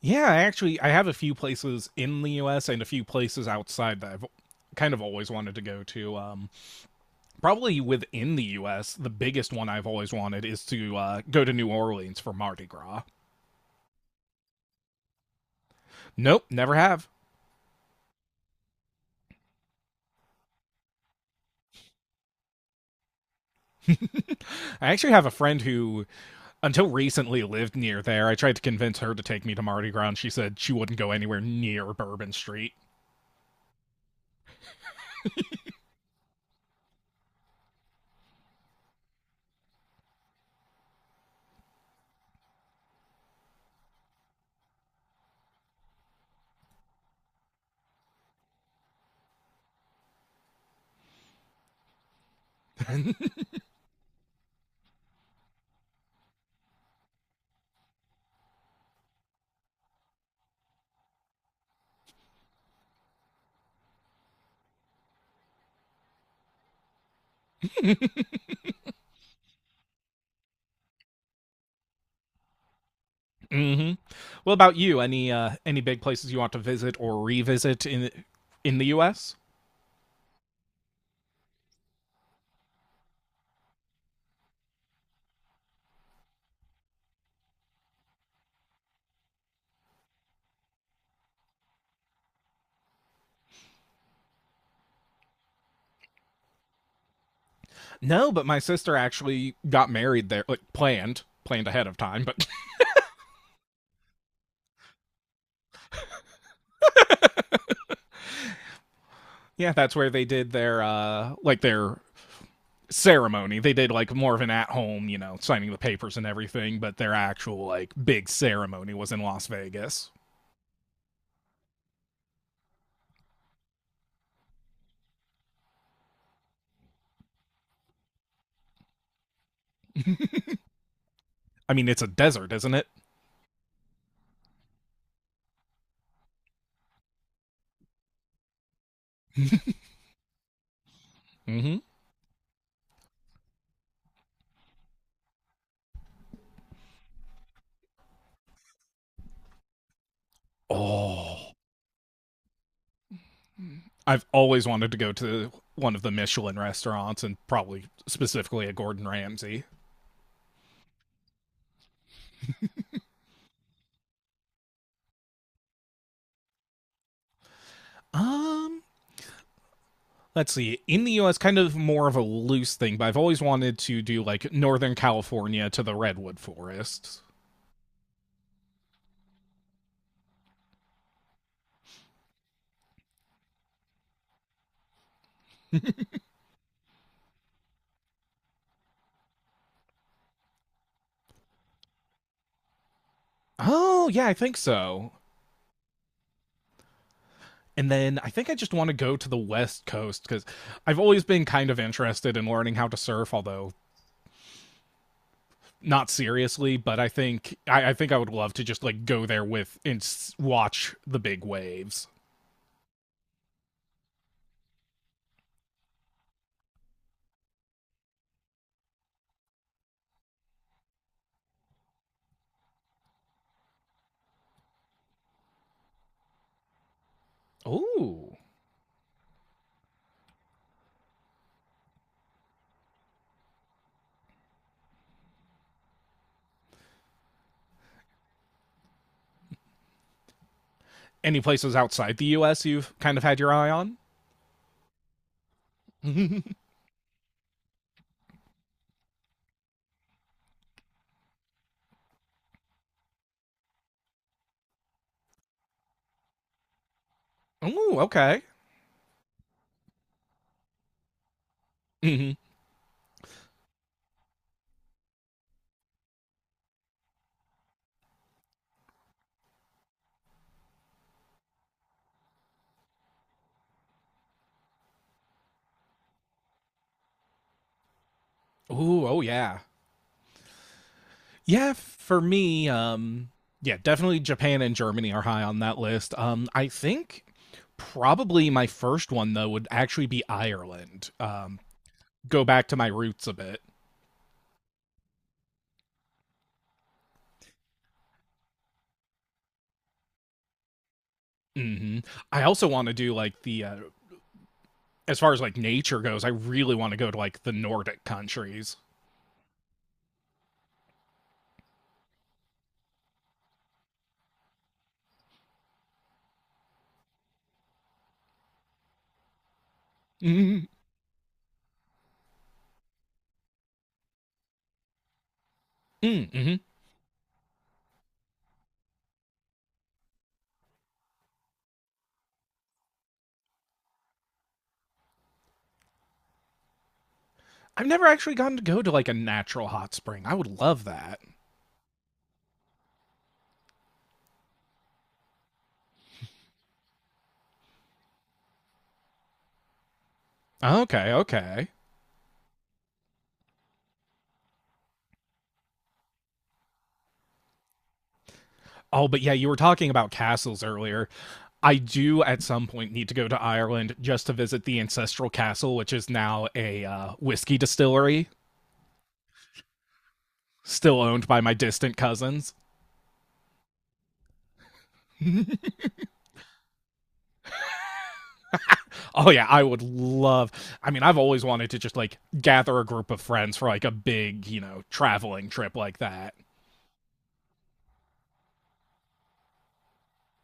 Yeah, actually I have a few places in the US and a few places outside that I've kind of always wanted to go to. Probably within the US, the biggest one I've always wanted is to go to New Orleans for Mardi Gras. Nope, never have. I actually have a friend who, until recently, lived near there. I tried to convince her to take me to Mardi Gras, and she said she wouldn't go anywhere near Bourbon Street. hmm What about you? Any big places you want to visit or revisit in the U.S.? No, but my sister actually got married there, like planned ahead of time. But yeah, that's where they did their their ceremony. They did like more of an at home, you know, signing the papers and everything, but their actual like big ceremony was in Las Vegas. I mean, it's a desert, isn't it? Mhm. Oh, I've always wanted to go to one of the Michelin restaurants and probably specifically a Gordon Ramsay. Um, let's see, in the US, kind of more of a loose thing, but I've always wanted to do like northern California to the redwood forests. Oh yeah, I think so. And then I think I just want to go to the west coast because I've always been kind of interested in learning how to surf, although not seriously. But I think I would love to just like go there with watch the big waves. Ooh. Any places outside the US you've kind of had your eye on? Ooh, okay. Mm-hmm. Ooh, oh yeah. Yeah, for me, yeah, definitely Japan and Germany are high on that list. I think probably my first one though would actually be Ireland. Go back to my roots a bit. Hmm. I also want to do like the as far as like nature goes. I really want to go to like the Nordic countries. Mm-hmm. Mm-hmm. I've never actually gotten to go to like a natural hot spring. I would love that. Okay, okay. Oh, but yeah, you were talking about castles earlier. I do at some point need to go to Ireland just to visit the ancestral castle, which is now a whiskey distillery, still owned by my distant cousins. Oh yeah, I would love. I mean, I've always wanted to just like gather a group of friends for like a big, you know, traveling trip like that.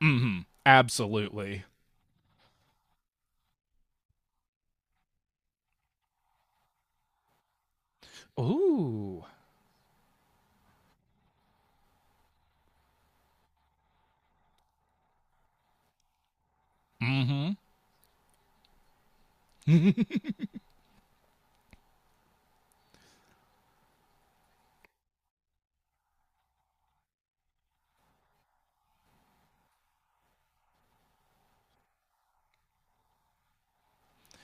Mm-hmm. Absolutely. Ooh. Mm-hmm.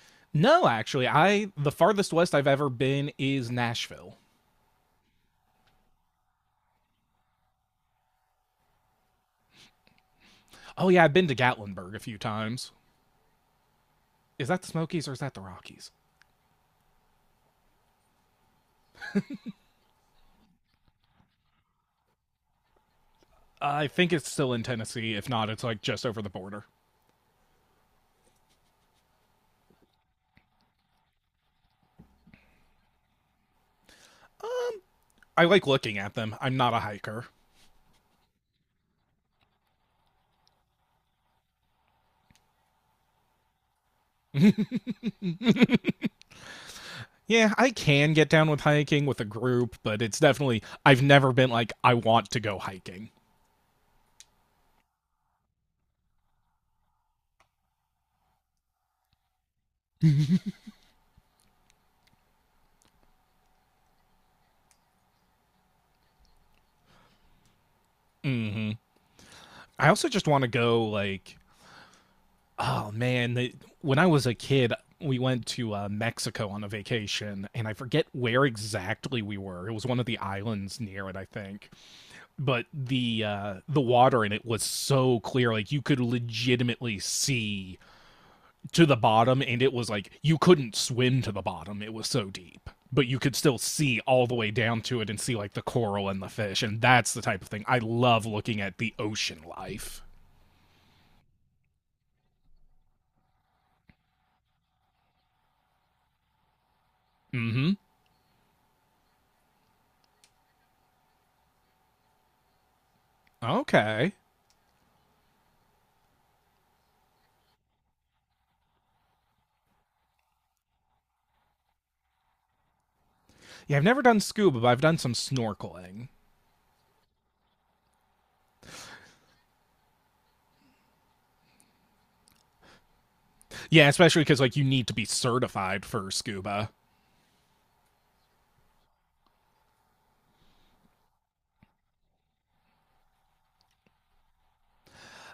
No, actually, I the farthest west I've ever been is Nashville. Oh yeah, I've been to Gatlinburg a few times. Is that the Smokies or is that the Rockies? I think it's still in Tennessee. If not, it's like just over the border. I like looking at them. I'm not a hiker. Yeah, I can get down with hiking with a group, but it's definitely, I've never been like, I want to go hiking. Hmm. I also just want to go, like, oh man, the, when I was a kid, we went to Mexico on a vacation, and I forget where exactly we were. It was one of the islands near it, I think. But the water in it was so clear, like you could legitimately see to the bottom, and it was like you couldn't swim to the bottom, it was so deep, but you could still see all the way down to it and see like the coral and the fish. And that's the type of thing I love, looking at the ocean life. Mm-hmm. Okay. Yeah, I've never done scuba, but I've done some snorkeling. Yeah, especially because like you need to be certified for scuba.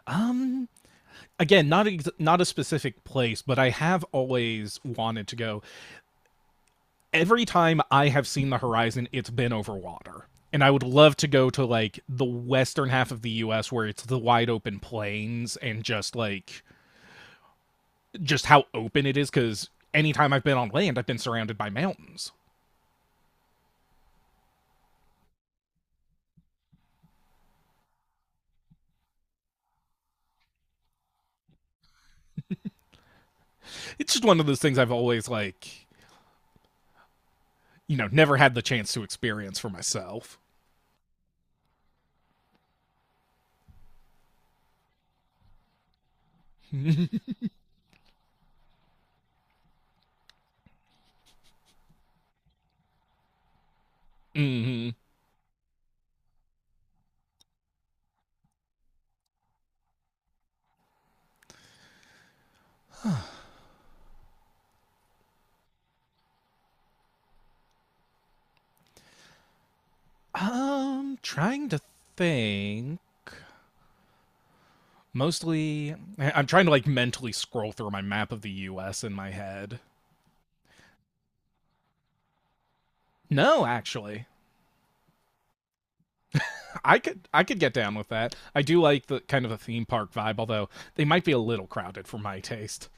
um again, not a specific place, but I have always wanted to go. Every time I have seen the horizon, it's been over water. And I would love to go to like the western half of the US where it's the wide open plains and just like just how open it is, cuz anytime I've been on land, I've been surrounded by mountains. It's just one of those things I've always like, you know, never had the chance to experience for myself. Hmm. Trying to think. Mostly, I'm trying to like mentally scroll through my map of the U.S. in my head. No, actually, I could get down with that. I do like the kind of a theme park vibe, although they might be a little crowded for my taste.